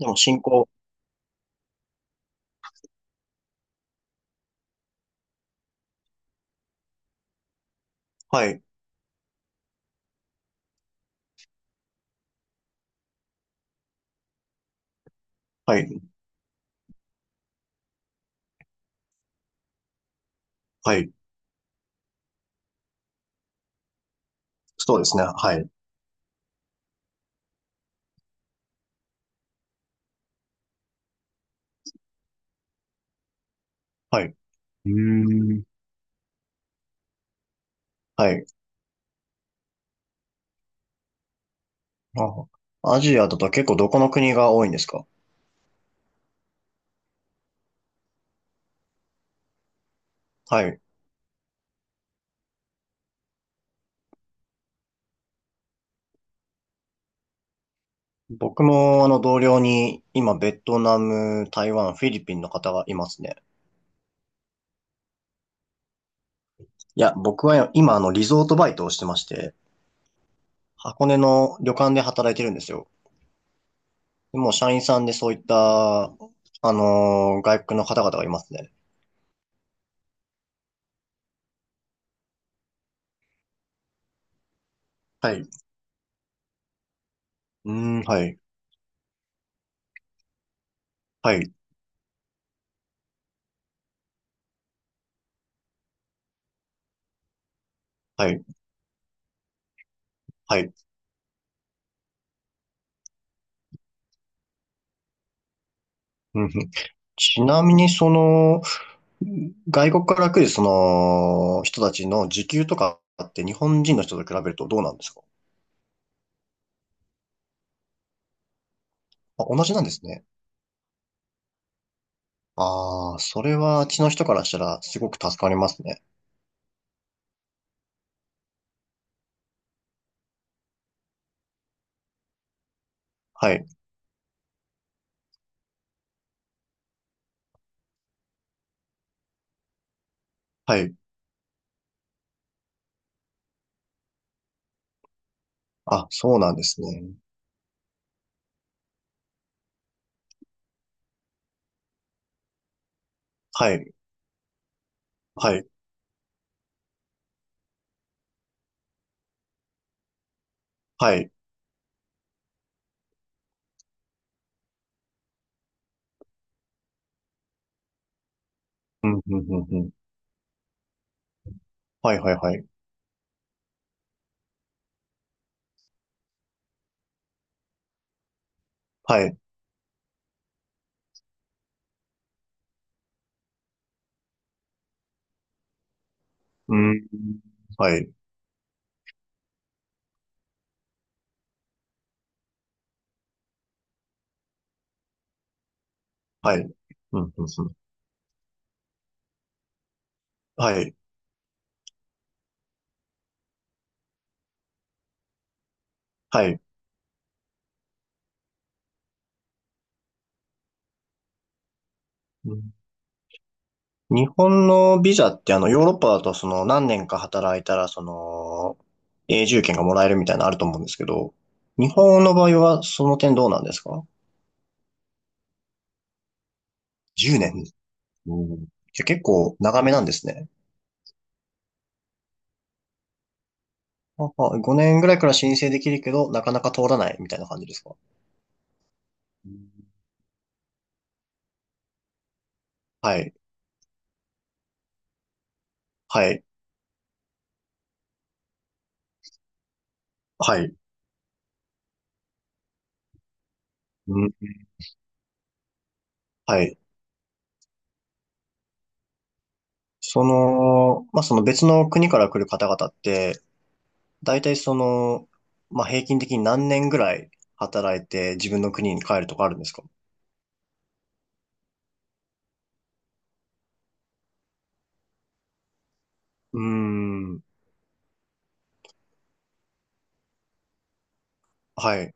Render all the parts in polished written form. でも進行、はい、はい、はい。そうですね。はい、はい、うーん。はい。あ、アジアだと結構どこの国が多いんですか？はい。僕もあの同僚に今ベトナム、台湾、フィリピンの方がいますね。いや、僕は今あのリゾートバイトをしてまして、箱根の旅館で働いてるんですよ。でもう社員さんでそういった、外国の方々がいますね。はい。うーん、はい、はい、はい、はい。うんふん。ちなみにその、外国から来るその人たちの時給とかって日本人の人と比べるとどうなんですか？あ、同じなんですね。ああ、それはあっちの人からしたらすごく助かりますね。はい、はい。あ、そうなんですね。はい、はい、はい。うん、うん、うん、うん。はい、はい、はい。はい。うん。はい、はい。うん、うん、うん。はい、はい。うん。日本のビザってヨーロッパだとその何年か働いたらその永住権がもらえるみたいなのあると思うんですけど、日本の場合はその点どうなんですか？ 10 年。うん。じゃあ結構長めなんですね。ああ、5年ぐらいから申請できるけど、なかなか通らないみたいな感じですか？うん。はい、はい、はい、うん、はい。その、まあ、その別の国から来る方々って、大体その、まあ、平均的に何年ぐらい働いて自分の国に帰るとかあるんですか？うーん。はい。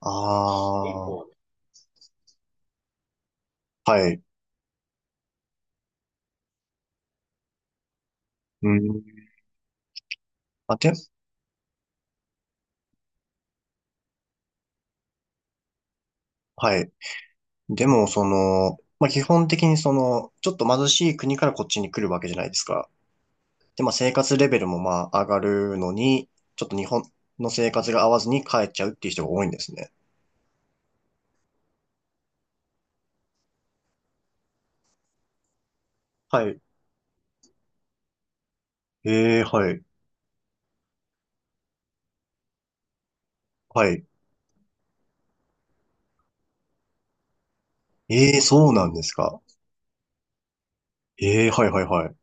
ああ、はい。うん。あ、で、はい。でも、その、まあ、基本的にその、ちょっと貧しい国からこっちに来るわけじゃないですか。で、まあ、生活レベルもまあ、上がるのに、ちょっと日本の生活が合わずに帰っちゃうっていう人が多いんですね。はい。ええ、はい。はい。ええ、そうなんですか。ええ、はい、はい、はい。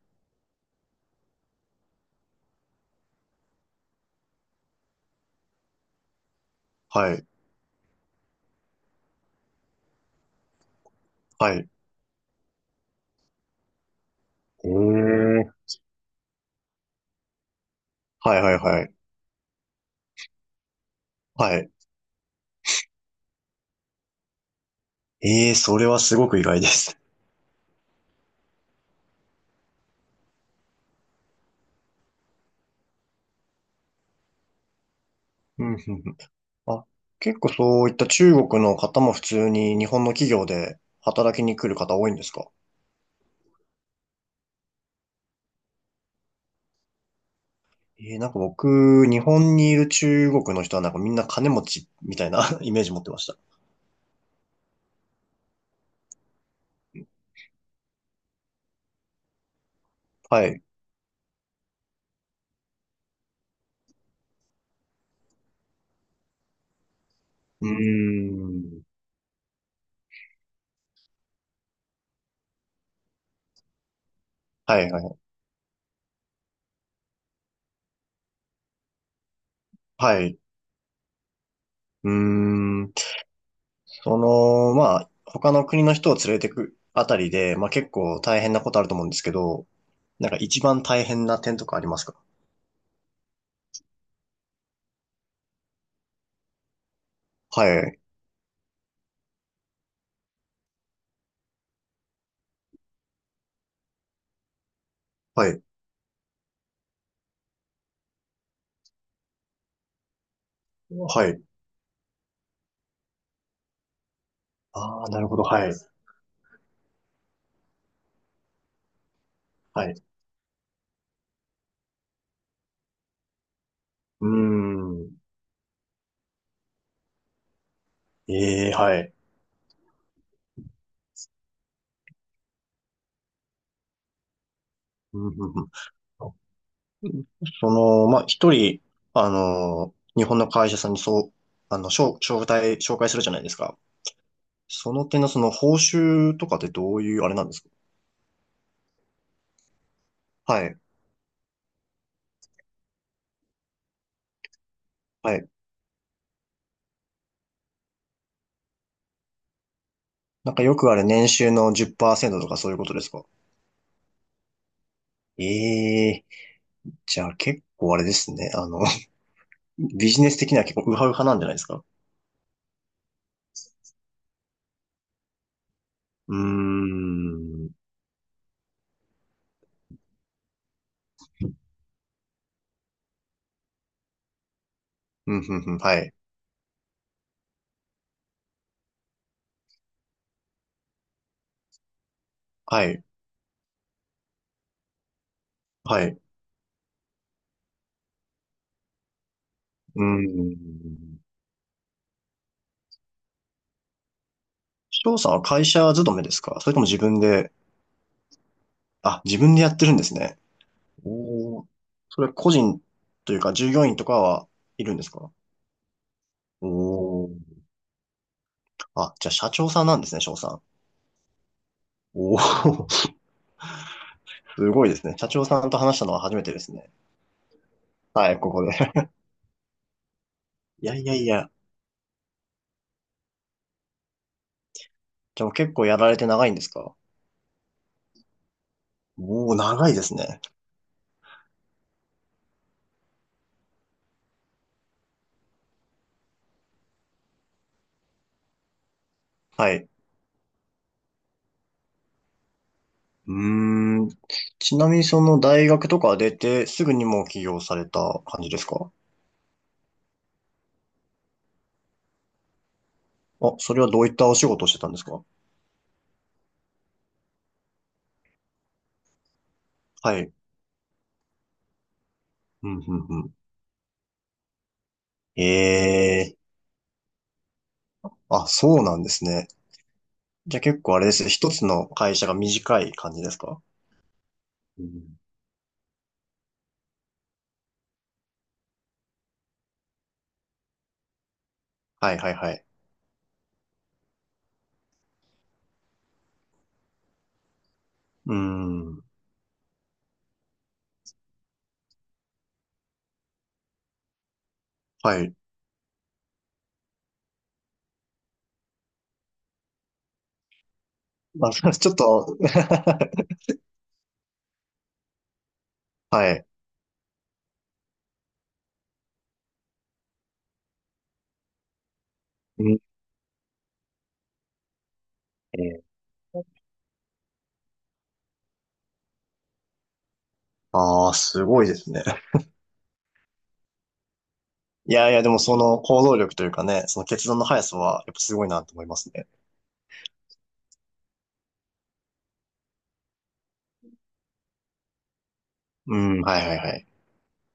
はい。はい。ええ、はい、はい、はい。はい。ええ、それはすごく意外です。うん、うん、うん。あ、結構そういった中国の方も普通に日本の企業で働きに来る方多いんですか？ええ、なんか僕、日本にいる中国の人はなんかみんな金持ちみたいな イメージ持ってました。はい。うーん。はい、はい。はい。うーん。その、まあ、他の国の人を連れてくあたりで、まあ結構大変なことあると思うんですけど、なんか一番大変な点とかありますか？はい。はい。はい。ああ、なるほど。はい。はい。うーん。ええ、はい。うん、うん、うん。その、まあ、一人、日本の会社さんにそう、紹介するじゃないですか。その点のその報酬とかってどういうあれなんですか？はい。はい。なんかよくあれ年収の10%とかそういうことですか？ええー、じゃあ結構あれですね。ビジネス的には結構ウハウハなんじゃないですか？うーん。うん、うん、うん、はい。はい。はい。うん。翔さんは会社勤めですか、それとも自分で？あ、自分でやってるんですね。おお。それは個人というか従業員とかはいるんですか？おおー。あ、じゃあ社長さんなんですね、翔さん。おお。 すごいですね。社長さんと話したのは初めてですね。はい、ここで。いやいやいや。じゃあもう結構やられて長いんですか？おおー、長いですね。はい。うーん。ちなみにその大学とか出てすぐにもう起業された感じですか？あ、それはどういったお仕事をしてたんですか？はい。うん、うん、うん。ええ、あ、そうなんですね。じゃあ結構あれですね。一つの会社が短い感じですか？うん、はい、はい、はい。うん。はい。まあ、ちょっと はい。うん、えーああ、すごいですね。いやいや、でもその行動力というかね、その決断の速さは、やっぱすごいなと思いますね。うん、はいはいはい。